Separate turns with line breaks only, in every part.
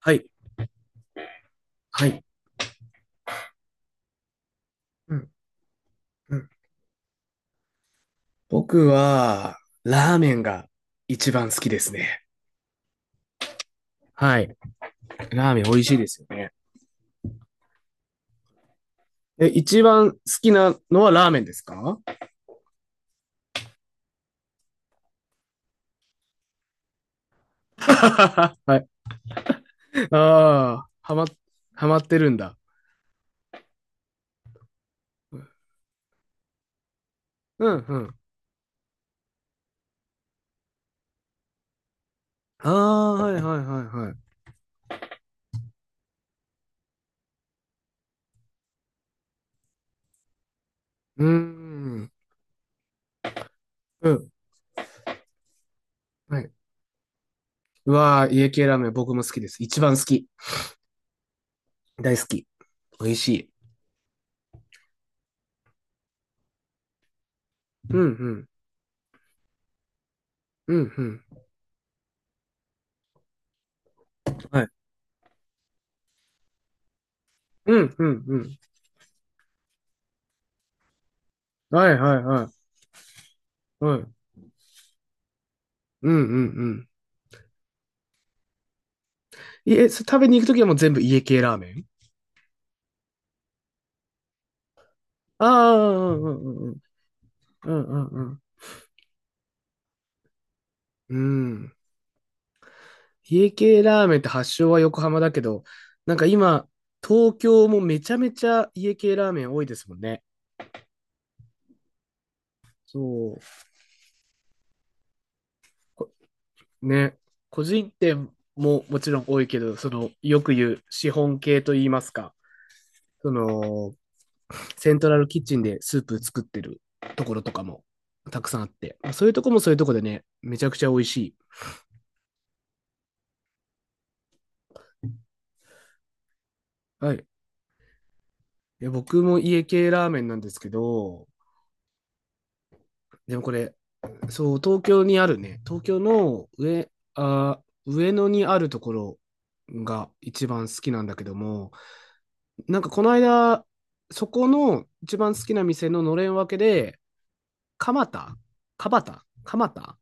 はい、はい。うんうん、僕は、ラーメンが一番好きですね。はい。ラーメン美味しいですよね。え、一番好きなのはラーメンですか？ はい。ああ、はまってるんだ。うんうん。ああ、はいはいはいはい。うーん。うん。はい。うわー、家系ラーメン僕も好きです。一番好き。大好き。美味しい。うんうん。うんうん。はい。うんうんうん。はいはいはい。はい。うんうんうん。いえ、食べに行くときはもう全部家系ラーメン。ああ、うんうんうんうん。うんうんうん。うん。家系ラーメンって発祥は横浜だけど、なんか今、東京もめちゃめちゃ家系ラーメン多いですもんね。そう。こね。個人店ももちろん多いけど、その、よく言う資本系と言いますか、その、セントラルキッチンでスープ作ってるところとかもたくさんあって、まあそういうとこもそういうとこでね、めちゃくちゃ美味しい。はい。いや、僕も家系ラーメンなんですけど、でもこれ、そう、東京にあるね、東京のあ上野にあるところが一番好きなんだけども、なんかこの間、そこの一番好きな店ののれん分けで、蒲田、蒲田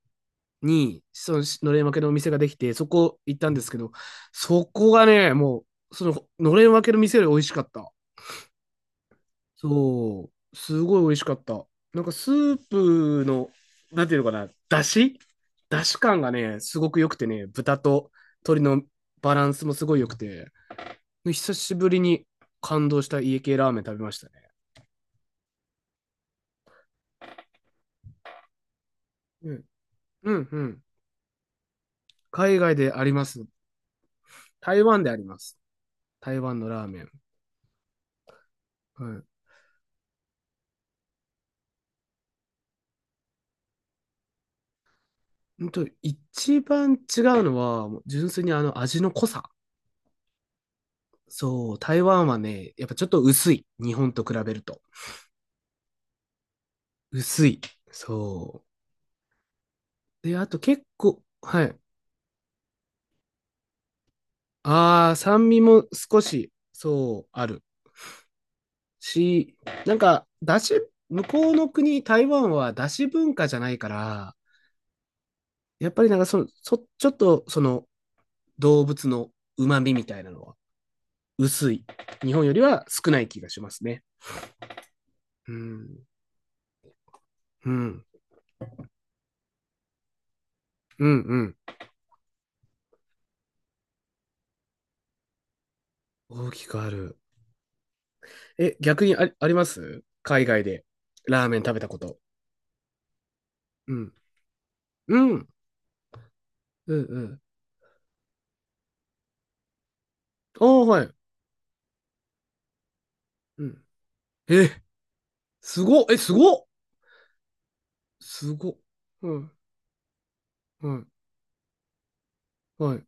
に、そののれん分けのお店ができて、そこ行ったんですけど、そこがね、もう、そののれん分けの店より美味しかった。そう、すごい美味しかった。なんかスープの、なんていうのかな、だし感がね、すごく良くてね、豚と鶏のバランスもすごい良くて、久しぶりに感動した家系ラーメン食べましたね。うん、うん、うん。海外であります。台湾であります。台湾のラーメン。はい。ほんと、一番違うのは、もう純粋にあの味の濃さ。そう、台湾はね、やっぱちょっと薄い。日本と比べると。薄い。そう。で、あと結構、はい。ああ、酸味も少し、そう、あるし、なんか、だし、向こうの国、台湾はだし文化じゃないから、やっぱりなんかその、ちょっと、その、動物の旨味みたいなのは、薄い。日本よりは少ない気がしますね。うん、うん、うん、うん。大きくある。え、逆にあります海外で、ラーメン食べたこと。うん、うん、うん、うん。ああ、はい。うん。え、すごっえ、すごっすごっうん、うん、はい。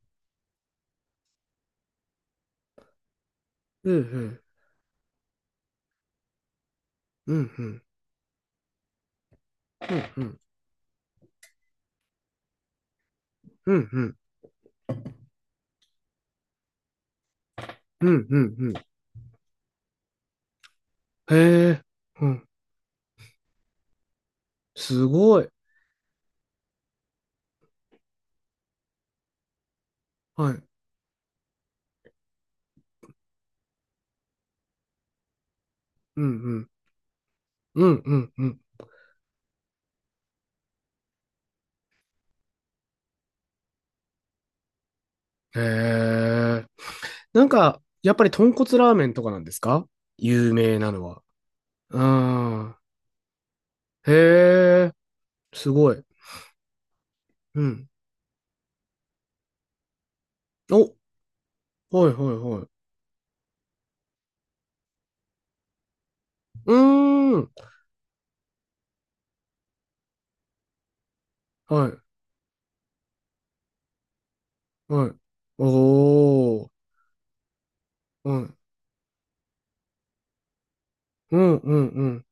うん、うん、うん、うん、うん、うん、うん、うん、うん、うん。へえ、うん、すごい。はい。うん、うん、うん、うん、うん。へえ。なんか、やっぱり豚骨ラーメンとかなんですか、有名なのは？ああ、へえ、すごい。うん。お、はい、はい、はい。うーん、はい、はい。おー、はい。うん、うん、うん。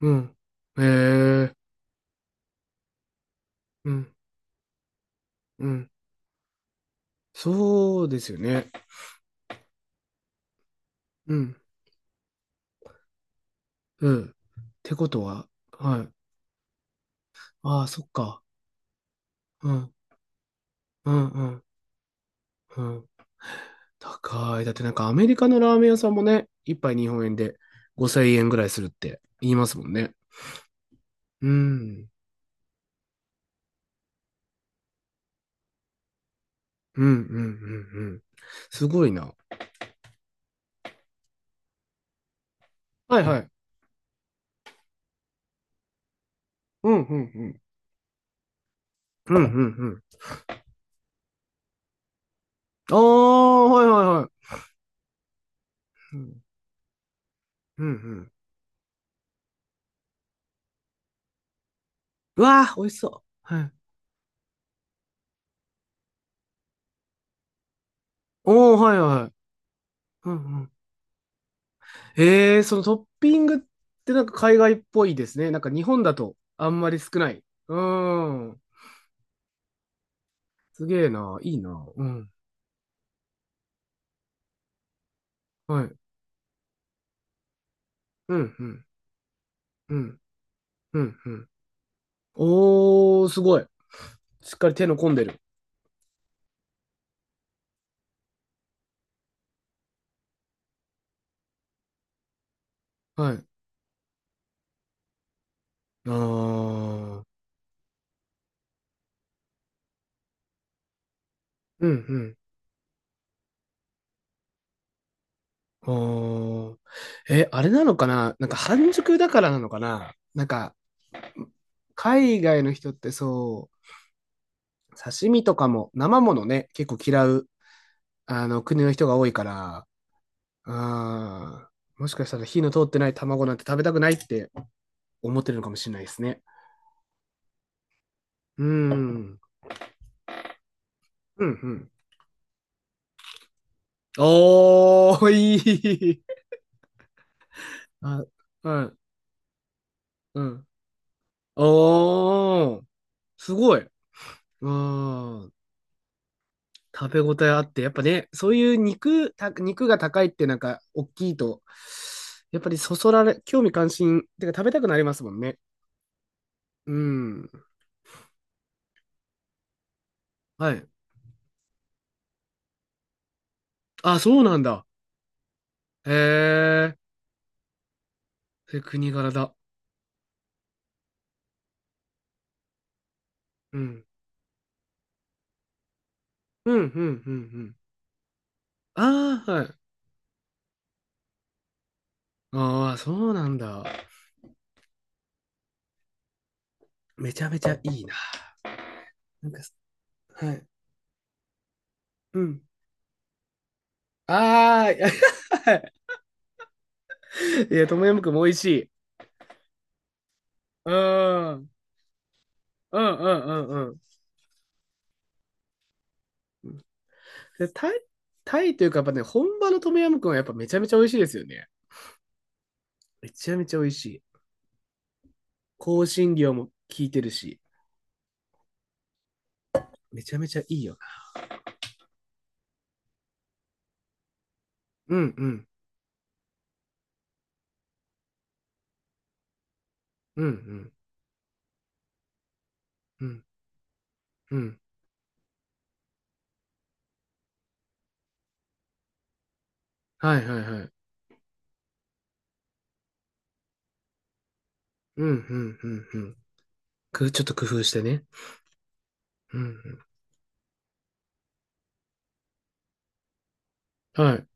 うん。へえ。うん。うん。そうですよね。うん。うん。ってことは、はい。ああ、そっか。うん。うん。うん。うん。高い。だってなんかアメリカのラーメン屋さんもね、一杯日本円で5000円ぐらいするって言いますもんね。うん。うん。うん。うん。うん。すごいな。はいはい。うん。うん。うん。うん。うん。うん。ああ、はいはいはい。うん。うん。うん。うわあ、美味しそう。はい。おー、はいはい。うん。へえ、そのトッピングってなんか海外っぽいですね。なんか日本だとあんまり少ない。うーん。すげえな。いいな。うん。はい。うん、うん、うん、うん、うん。おー、すごい。しっかり手の込んでる。はい。あー。うん、うん。あー。え、あれなのかな、なんか半熟だからなのかな、なんか、海外の人ってそう、刺身とかも生ものね、結構嫌う、あの、国の人が多いから、ああ、もしかしたら火の通ってない卵なんて食べたくないって思ってるのかもしれないですね。うーん。うん、うん。おー、いい。あ、うん、うん。おー、すごい。うーん。食べ応えあって、やっぱね、そういう肉が高いってなんか、大きいと、やっぱりそそられ、興味関心、てか食べたくなりますもんね。うん。はい。あ、そうなんだ。へえ。それ国柄だ。うん。うん、うん、うん、うん。ああ、はい。ああ、そうなんだ。めちゃめちゃいいな。なんか、はい。うん。ああ、いや、いや、トムヤムクンも美味しい。うん。うん、うん、うん、うん。で、タイというか、やっぱね、本場のトムヤムクンはやっぱめちゃめちゃ美味しいですよね。めちゃめちゃ美味しい。香辛料も効いてるし、めちゃめちゃいいよな。うん、うん、うん、うん、うん、うん。はい、はい、はい。うん、うん、うん、うん。ちょっと工夫してね。うん、うん。はい。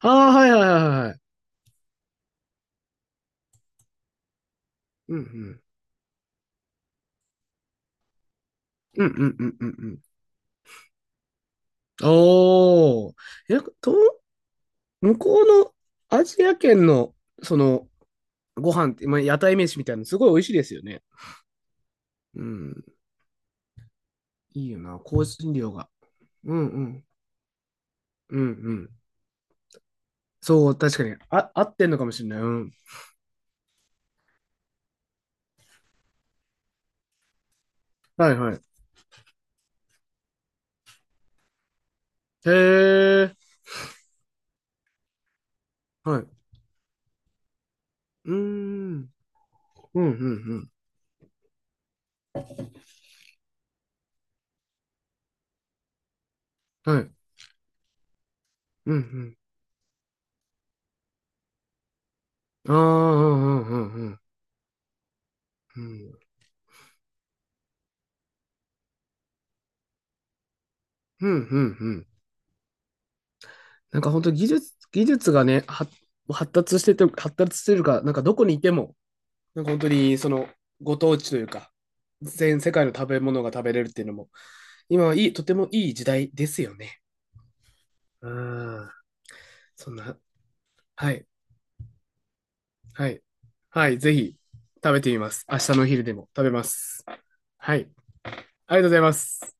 ああ、はいはいはいはい。うんうん。うんうんうんうんうん。おー。え、と、向こうのアジア圏の、その、ご飯って、まあ、屋台飯みたいなのすごい美味しいですよね。うん。いいよな、香辛料が。うんうん。うんうん。そう、確かに。あ、合ってんのかもしれない。うん。はいはい。へえ。はい。うーん。うんうんうん。はい。うんうん。ああ、うんうんうんうん。うんうんうん、なんか本当技術がね、は発達してて、発達してるか、なんかどこにいても、なんか本当にそのご当地というか、全世界の食べ物が食べれるっていうのも、今はいい、とてもいい時代ですよね。うん。そんな、はい、はい、はい、ぜひ食べてみます。明日のお昼でも食べます。はい、ありがとうございます。